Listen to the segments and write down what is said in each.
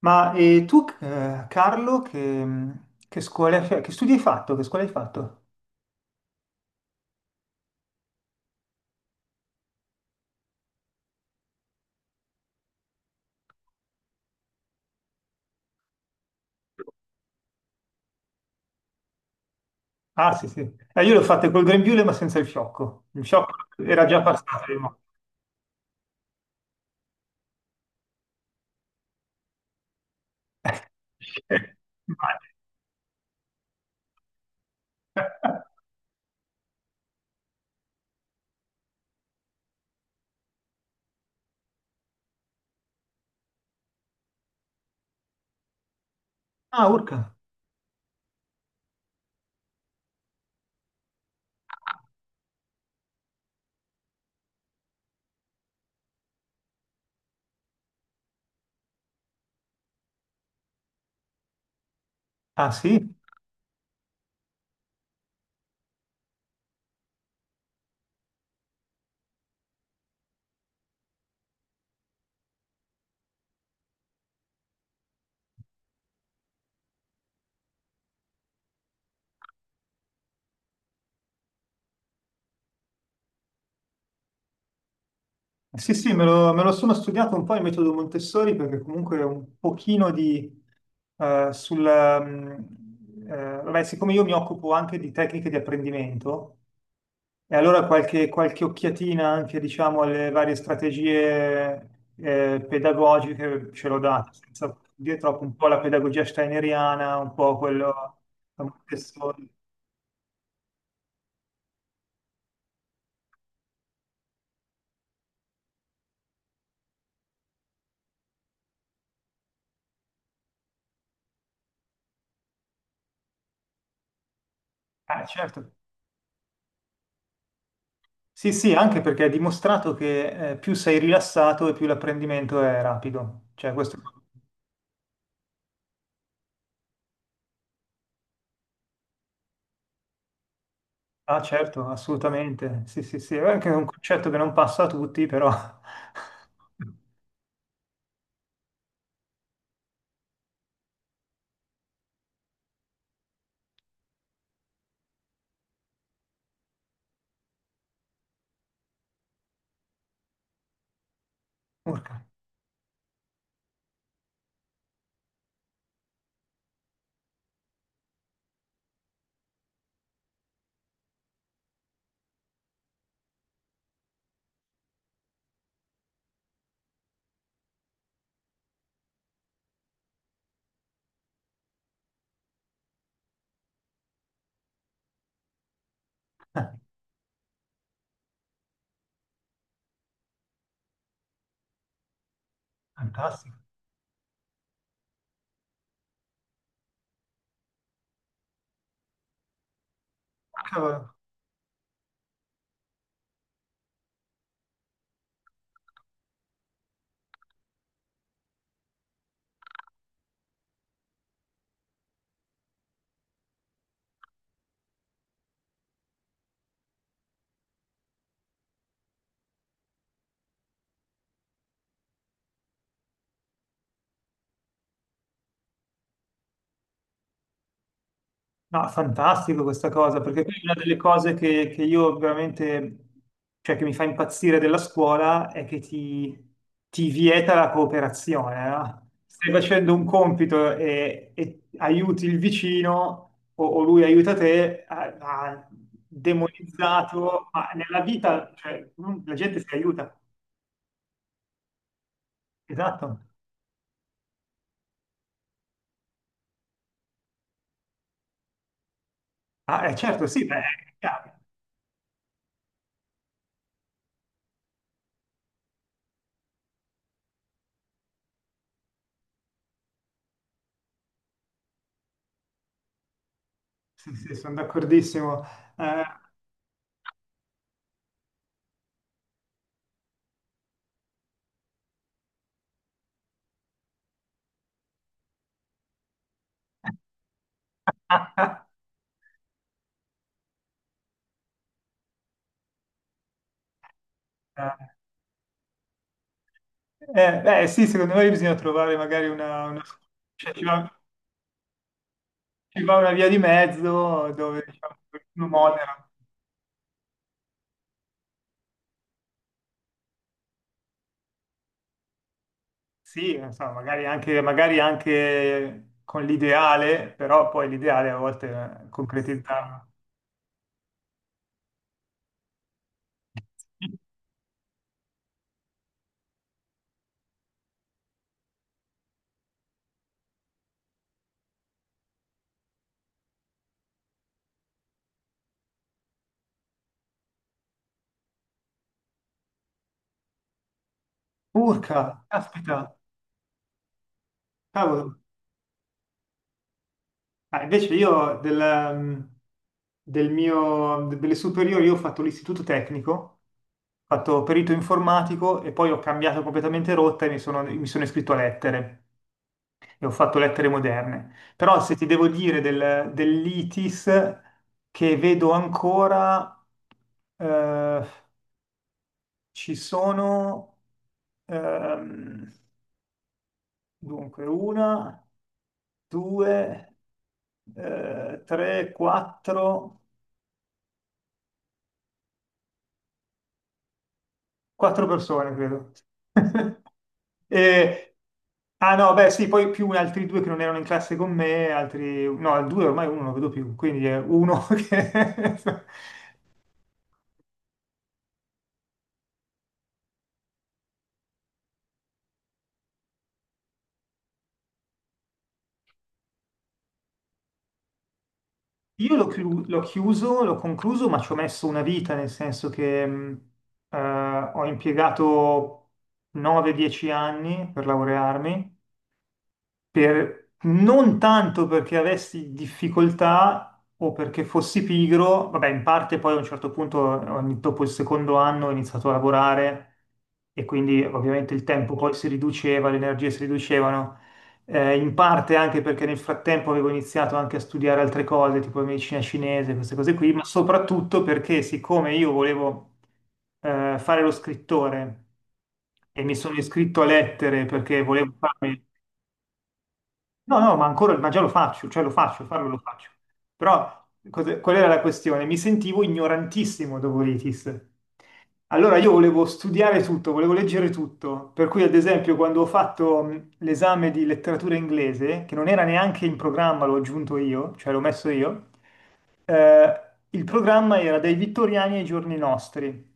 Ma e tu, Carlo, mm, che scuola, cioè, che studi hai fatto? Che scuola hai fatto? Ah, sì, sì. Io l'ho fatta col grembiule, ma senza il fiocco. Il fiocco era già passato prima. Eh, vai. Ah, urca. Ah, sì? Sì, sì, me lo sono studiato un po' il metodo Montessori, perché comunque è un pochino di... eh, sul... mm, vabbè, siccome io mi occupo anche di tecniche di apprendimento. E allora qualche occhiatina anche, diciamo, alle varie strategie pedagogiche ce l'ho data, senza dire troppo, un po' la pedagogia steineriana, un po' quello... la Montessori. Ah, certo. Sì, sì, anche perché è dimostrato che più sei rilassato e più l'apprendimento è rapido. Cioè, questo... Ah, certo, assolutamente. Sì, sì, sì, è anche un concetto che non passa a tutti, però... Urca. Fantastico. Cavolo. No, fantastico questa cosa, perché poi una delle cose che io veramente, cioè che mi fa impazzire della scuola è che ti vieta la cooperazione, no? Stai facendo un compito e aiuti il vicino o lui aiuta te, ha demonizzato, ma nella vita, cioè, non- la gente si aiuta. Esatto. Ah, certo, sì, beh, è chiaro. Sì, sì, sono d'accordissimo. Eh, beh, sì, secondo me bisogna trovare magari cioè, ci va una via di mezzo dove diciamo, uno modera. Sì, non so, magari anche con l'ideale, però poi l'ideale a volte è concretizzarlo. Urca, aspetta, cavolo. Ah, invece io delle superiori io ho fatto l'istituto tecnico, ho fatto perito informatico e poi ho cambiato completamente rotta e mi sono iscritto a lettere. E ho fatto lettere moderne. Però se ti devo dire dell'ITIS che vedo ancora, eh, ci sono ehm, dunque una, due, tre, quattro, quattro persone, credo. E- ah no, beh sì, poi più altri due che non erano in classe con me, altri... No, due ormai uno non lo vedo più, quindi è uno che... L'ho chiuso, l'ho concluso, ma ci ho messo una vita, nel senso che eh, ho impiegato 9-10 anni per laurearmi non tanto perché avessi difficoltà o perché fossi pigro, vabbè, in parte poi a un certo punto, dopo il secondo anno, ho iniziato a lavorare e quindi ovviamente il tempo poi si riduceva, le energie si riducevano, in parte anche perché nel frattempo avevo iniziato anche a studiare altre cose, tipo medicina cinese, queste cose qui, ma soprattutto perché siccome io volevo fare lo scrittore e mi sono iscritto a lettere perché volevo farmi... No, no, ma ancora, ma già lo faccio, cioè lo faccio, farlo lo faccio. Però qual era la questione? Mi sentivo ignorantissimo dopo l'ITIS. Allora io volevo studiare tutto, volevo leggere tutto, per cui ad esempio quando ho fatto l'esame di letteratura inglese, che non era neanche in programma, l'ho aggiunto io, cioè l'ho messo io, eh, il programma era dai Vittoriani ai giorni nostri.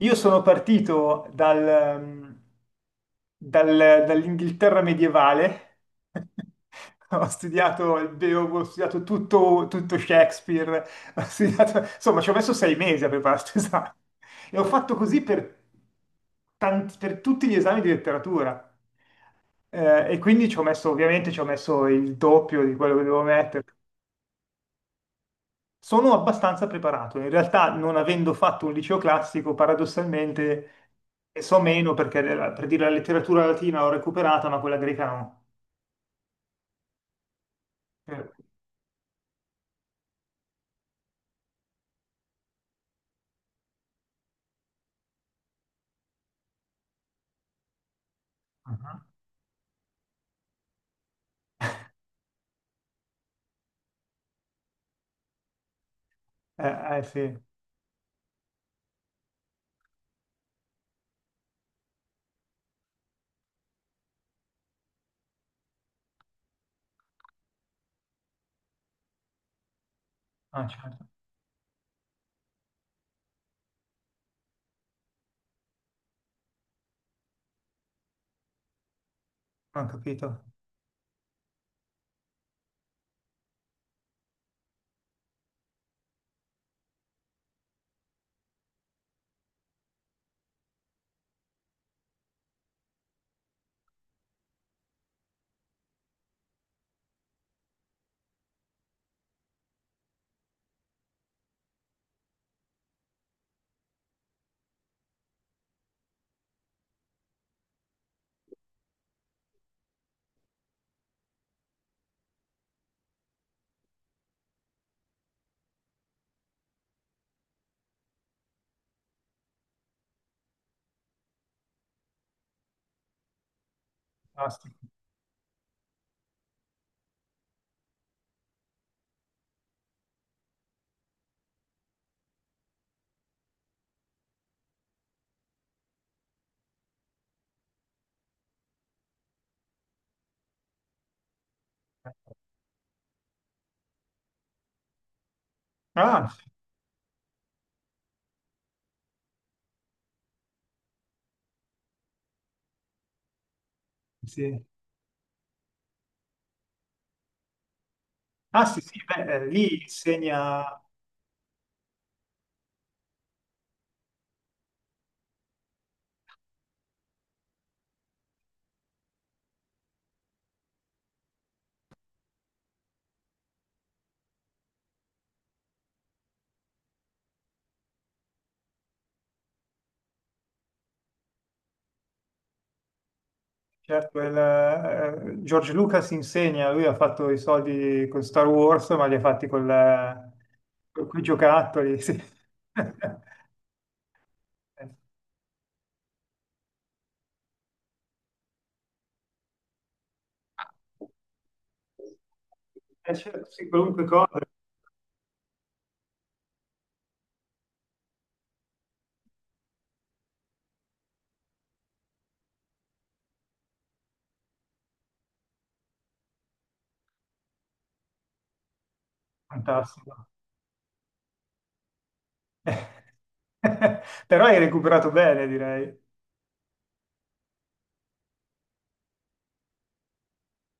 Io sono partito dall'Inghilterra medievale, ho studiato il Beowulf, ho studiato tutto, tutto Shakespeare, insomma ci ho messo 6 mesi a preparare questo esame e ho fatto così per, per tutti gli esami di letteratura. E quindi ci ho messo, ovviamente ci ho messo il doppio di quello che dovevo mettere. Sono abbastanza preparato, in realtà non avendo fatto un liceo classico, paradossalmente so meno perché per dire la letteratura latina l'ho recuperata, ma quella greca no. Eh, ah, sì, ah, certo, ho capito. Fantastico. Ah, sì. Ah, sì, sì, beh, lì insegna, certo, George Lucas insegna, lui ha fatto i soldi con Star Wars, ma li ha fatti con quei giocattoli, sì. Certo, sì, qualunque cosa è fantastico. Però hai recuperato bene, direi.